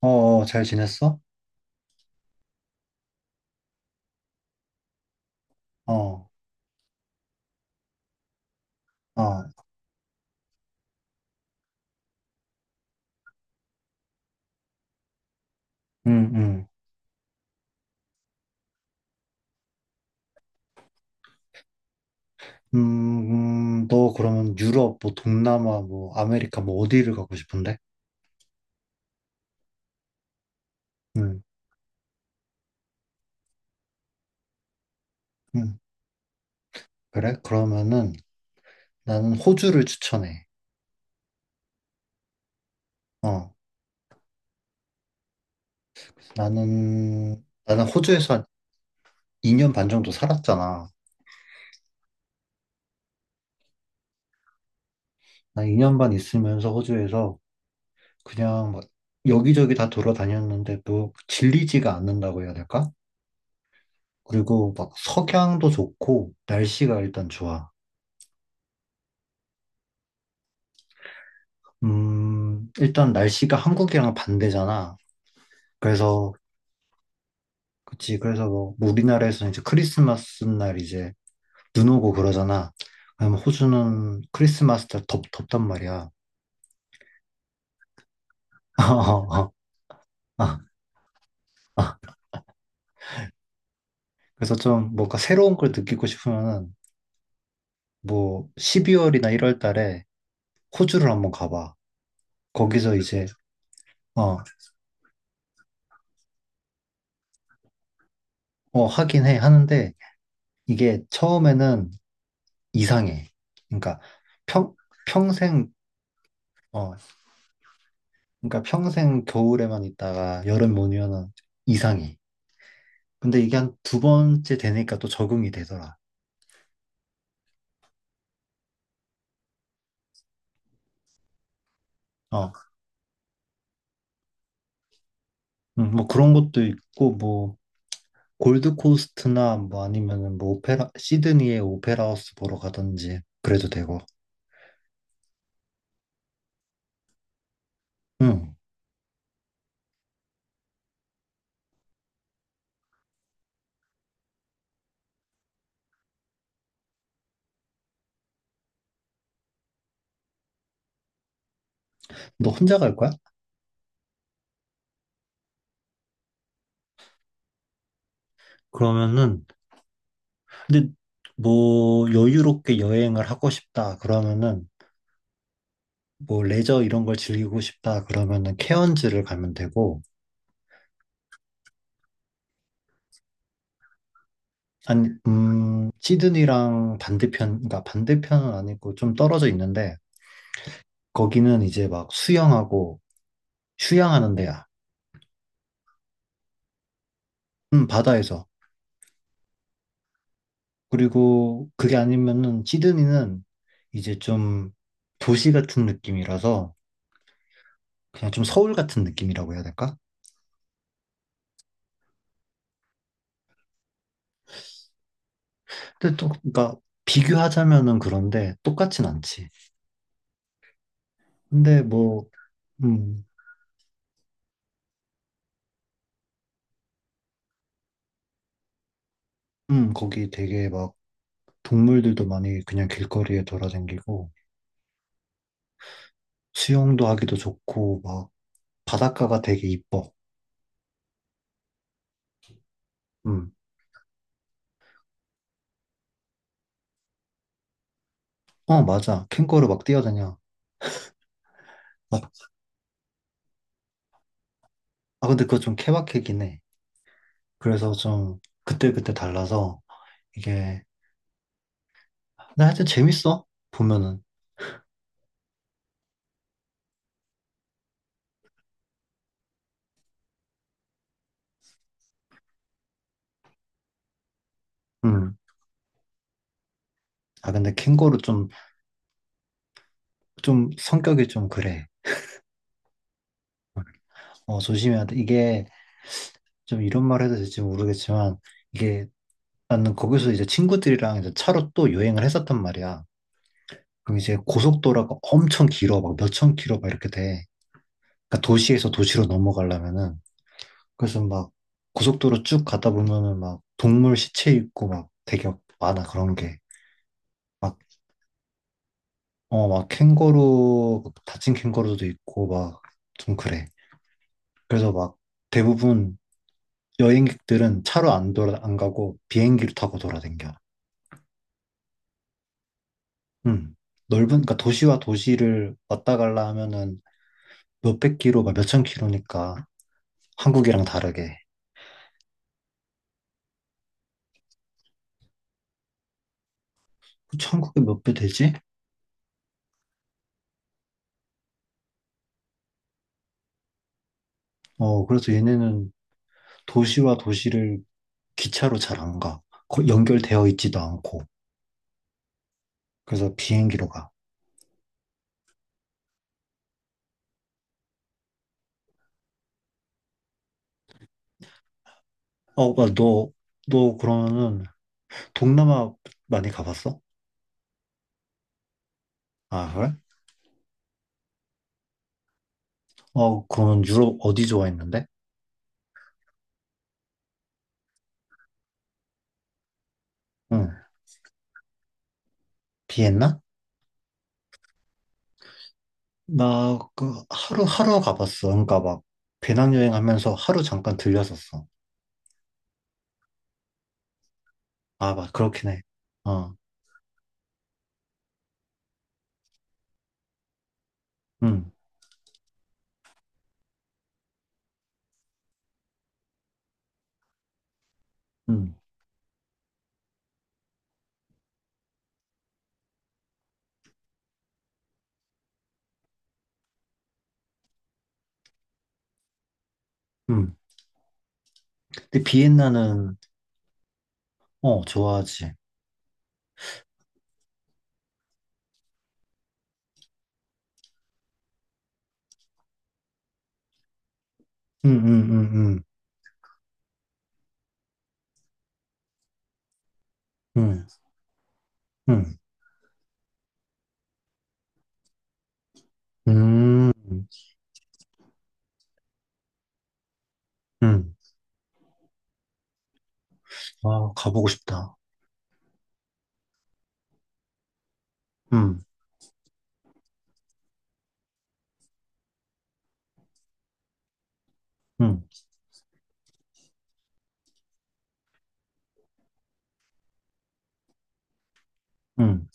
어, 어, 잘 지냈어? 어, 아, 음, 음. 너 그러면 유럽, 뭐, 동남아, 뭐, 아메리카, 뭐, 어디를 가고 싶은데? 음, 음. 그래? 그러면은 나는 호주를 추천해. 어, 나는 호주에서 한 2년 반 정도 살았잖아. 난 2년 반 있으면서 호주에서 그냥 막 여기저기 다 돌아다녔는데 도 질리지가 않는다고 해야 될까? 그리고 막 석양도 좋고, 날씨가 일단 좋아. 일단 날씨가 한국이랑 반대잖아. 그래서, 그치. 그래서 뭐, 우리나라에서는 이제 크리스마스 날 이제 눈 오고 그러잖아. 그럼 호주는 크리스마스 날 덥단 말이야. 어, 어, 어, 어. 그래서 좀 뭔가 새로운 걸 느끼고 싶으면은 뭐 12월이나 1월 달에 호주를 한번 가봐. 거기서 이제, 어, 어, 하긴 해. 하는데 이게 처음에는 이상해. 그러니까 평, 평생, 어, 평생 겨울에만 있다가 여름 오면은 이상해. 근데 이게 한 두 번째 되니까 또 적응이 되더라. 어, 뭐 그런 것도 있고 뭐 골드코스트나 뭐 아니면은 뭐 오페라 시드니의 오페라하우스 보러 가든지 그래도 되고. 응. 너 혼자 갈 거야? 그러면은 근데 뭐 여유롭게 여행을 하고 싶다 그러면은 뭐 레저 이런 걸 즐기고 싶다 그러면은 케언즈를 가면 되고. 아니, 시드니랑 반대편, 그러니까 반대편은 아니고 좀 떨어져 있는데, 거기는 이제 막 수영하고 휴양하는 데야. 바다에서. 그리고 그게 아니면은 시드니는 이제 좀 도시 같은 느낌이라서 그냥 좀 서울 같은 느낌이라고 해야 될까? 근데 또, 그러니까 비교하자면은 그런데 똑같진 않지. 근데 뭐, 음, 거기 되게 막 동물들도 많이 그냥 길거리에 돌아다니고 수영도 하기도 좋고 막 바닷가가 되게 이뻐. 음. 어, 맞아. 캥거루 막 뛰어다녀. 막- 아, 근데 그거 좀 케바케긴 해. 그래서 좀 그때그때 달라서 이게, 근데 하여튼 재밌어. 보면은. 음. 아, 근데 캥거루 좀 성격이 좀 그래. 어, 조심해야 돼. 이게 좀 이런 말 해도 될지 모르겠지만 이게 나는 거기서 이제 친구들이랑 이제 차로 또 여행을 했었단 말이야. 그럼 이제 고속도로가 엄청 길어. 막 몇천 킬로 막 이렇게 돼. 그러니까 도시에서 도시로 넘어가려면은 그래서 막 고속도로 쭉 가다 보면은 막 동물 시체 있고 막 되게 많아 그런 게. 막, 막 캥거루, 막 다친 캥거루도 있고 막 좀 그래. 그래서 막 대부분 여행객들은 차로 안 가고 비행기를 타고 돌아댕겨. 음. 넓은, 그러니까 도시와 도시를 왔다 갈라 하면은 몇백 킬로, 막 몇천 킬로니까 한국이랑 다르게. 그치, 한국에 몇 배 되지? 어, 그래서 얘네는 도시와 도시를 기차로 잘 안 가. 연결되어 있지도 않고. 그래서 비행기로 가. 어, 오빠, 너 그러면은 동남아 많이 가봤어? 아, 그래? 어, 그러면 유럽 어디 좋아했는데? 응. 비엔나? 나 그 하루 가봤어. 그러니까 막 배낭여행 하면서 하루 잠깐 들렸었어. 아, 그렇긴 해. 어, 응, 응, 응. 근데 비엔나는, 어, 좋아하지. 응, 응, 응, 응, 응, 응, 응, 응. 아, 가보고 싶다. 음, 음, 음.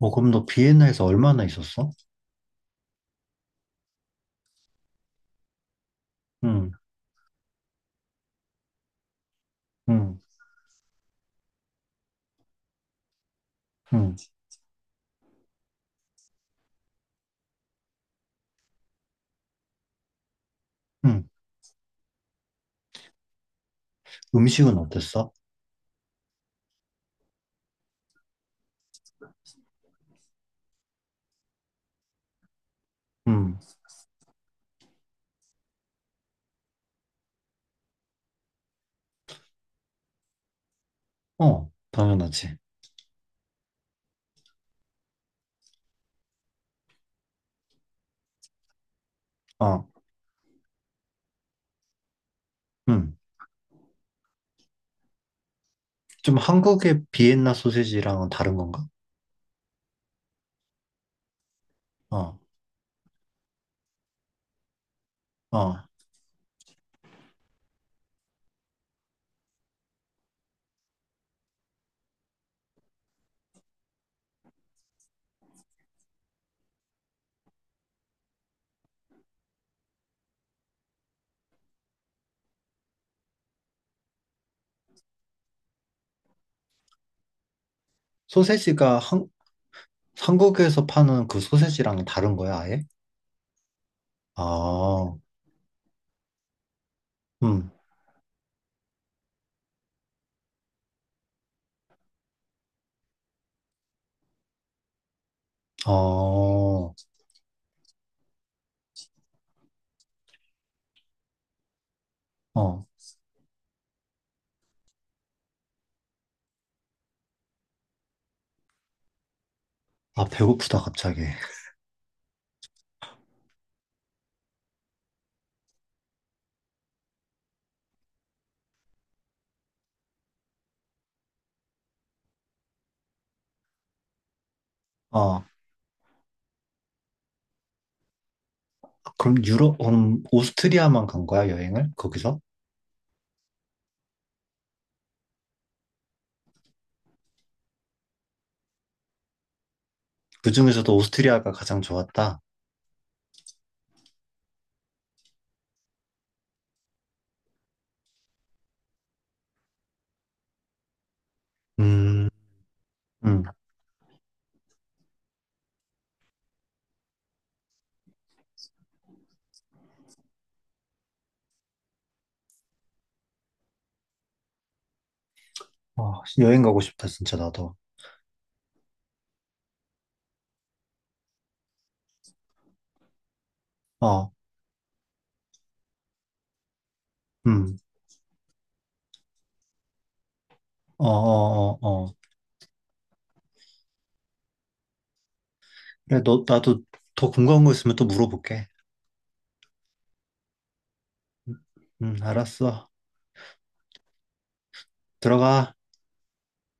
어, 그럼 너 비엔나에서 얼마나 있었어? 음, 음, 음, 음. 음식은 어땠어? 음, 당연하지. 어, 음. 좀 한국의 비엔나 소세지랑은 다른 건가? 어, 어. 소세지가 한국에서 파는 그 소세지랑 다른 거야, 아예? 아, 음, 어, 어. 아, 배고프다, 갑자기. 어, 그럼 유럽, 오스트리아만 간 거야, 여행을? 거기서? 그 중에서도 오스트리아가 가장 좋았다. 음. 음. 아, 여행 가고 싶다, 진짜, 나도. 어, 음. 어, 어, 어, 어. 그래, 나도 더 궁금한 거 있으면 또 물어볼게. 음, 알았어. 들어가.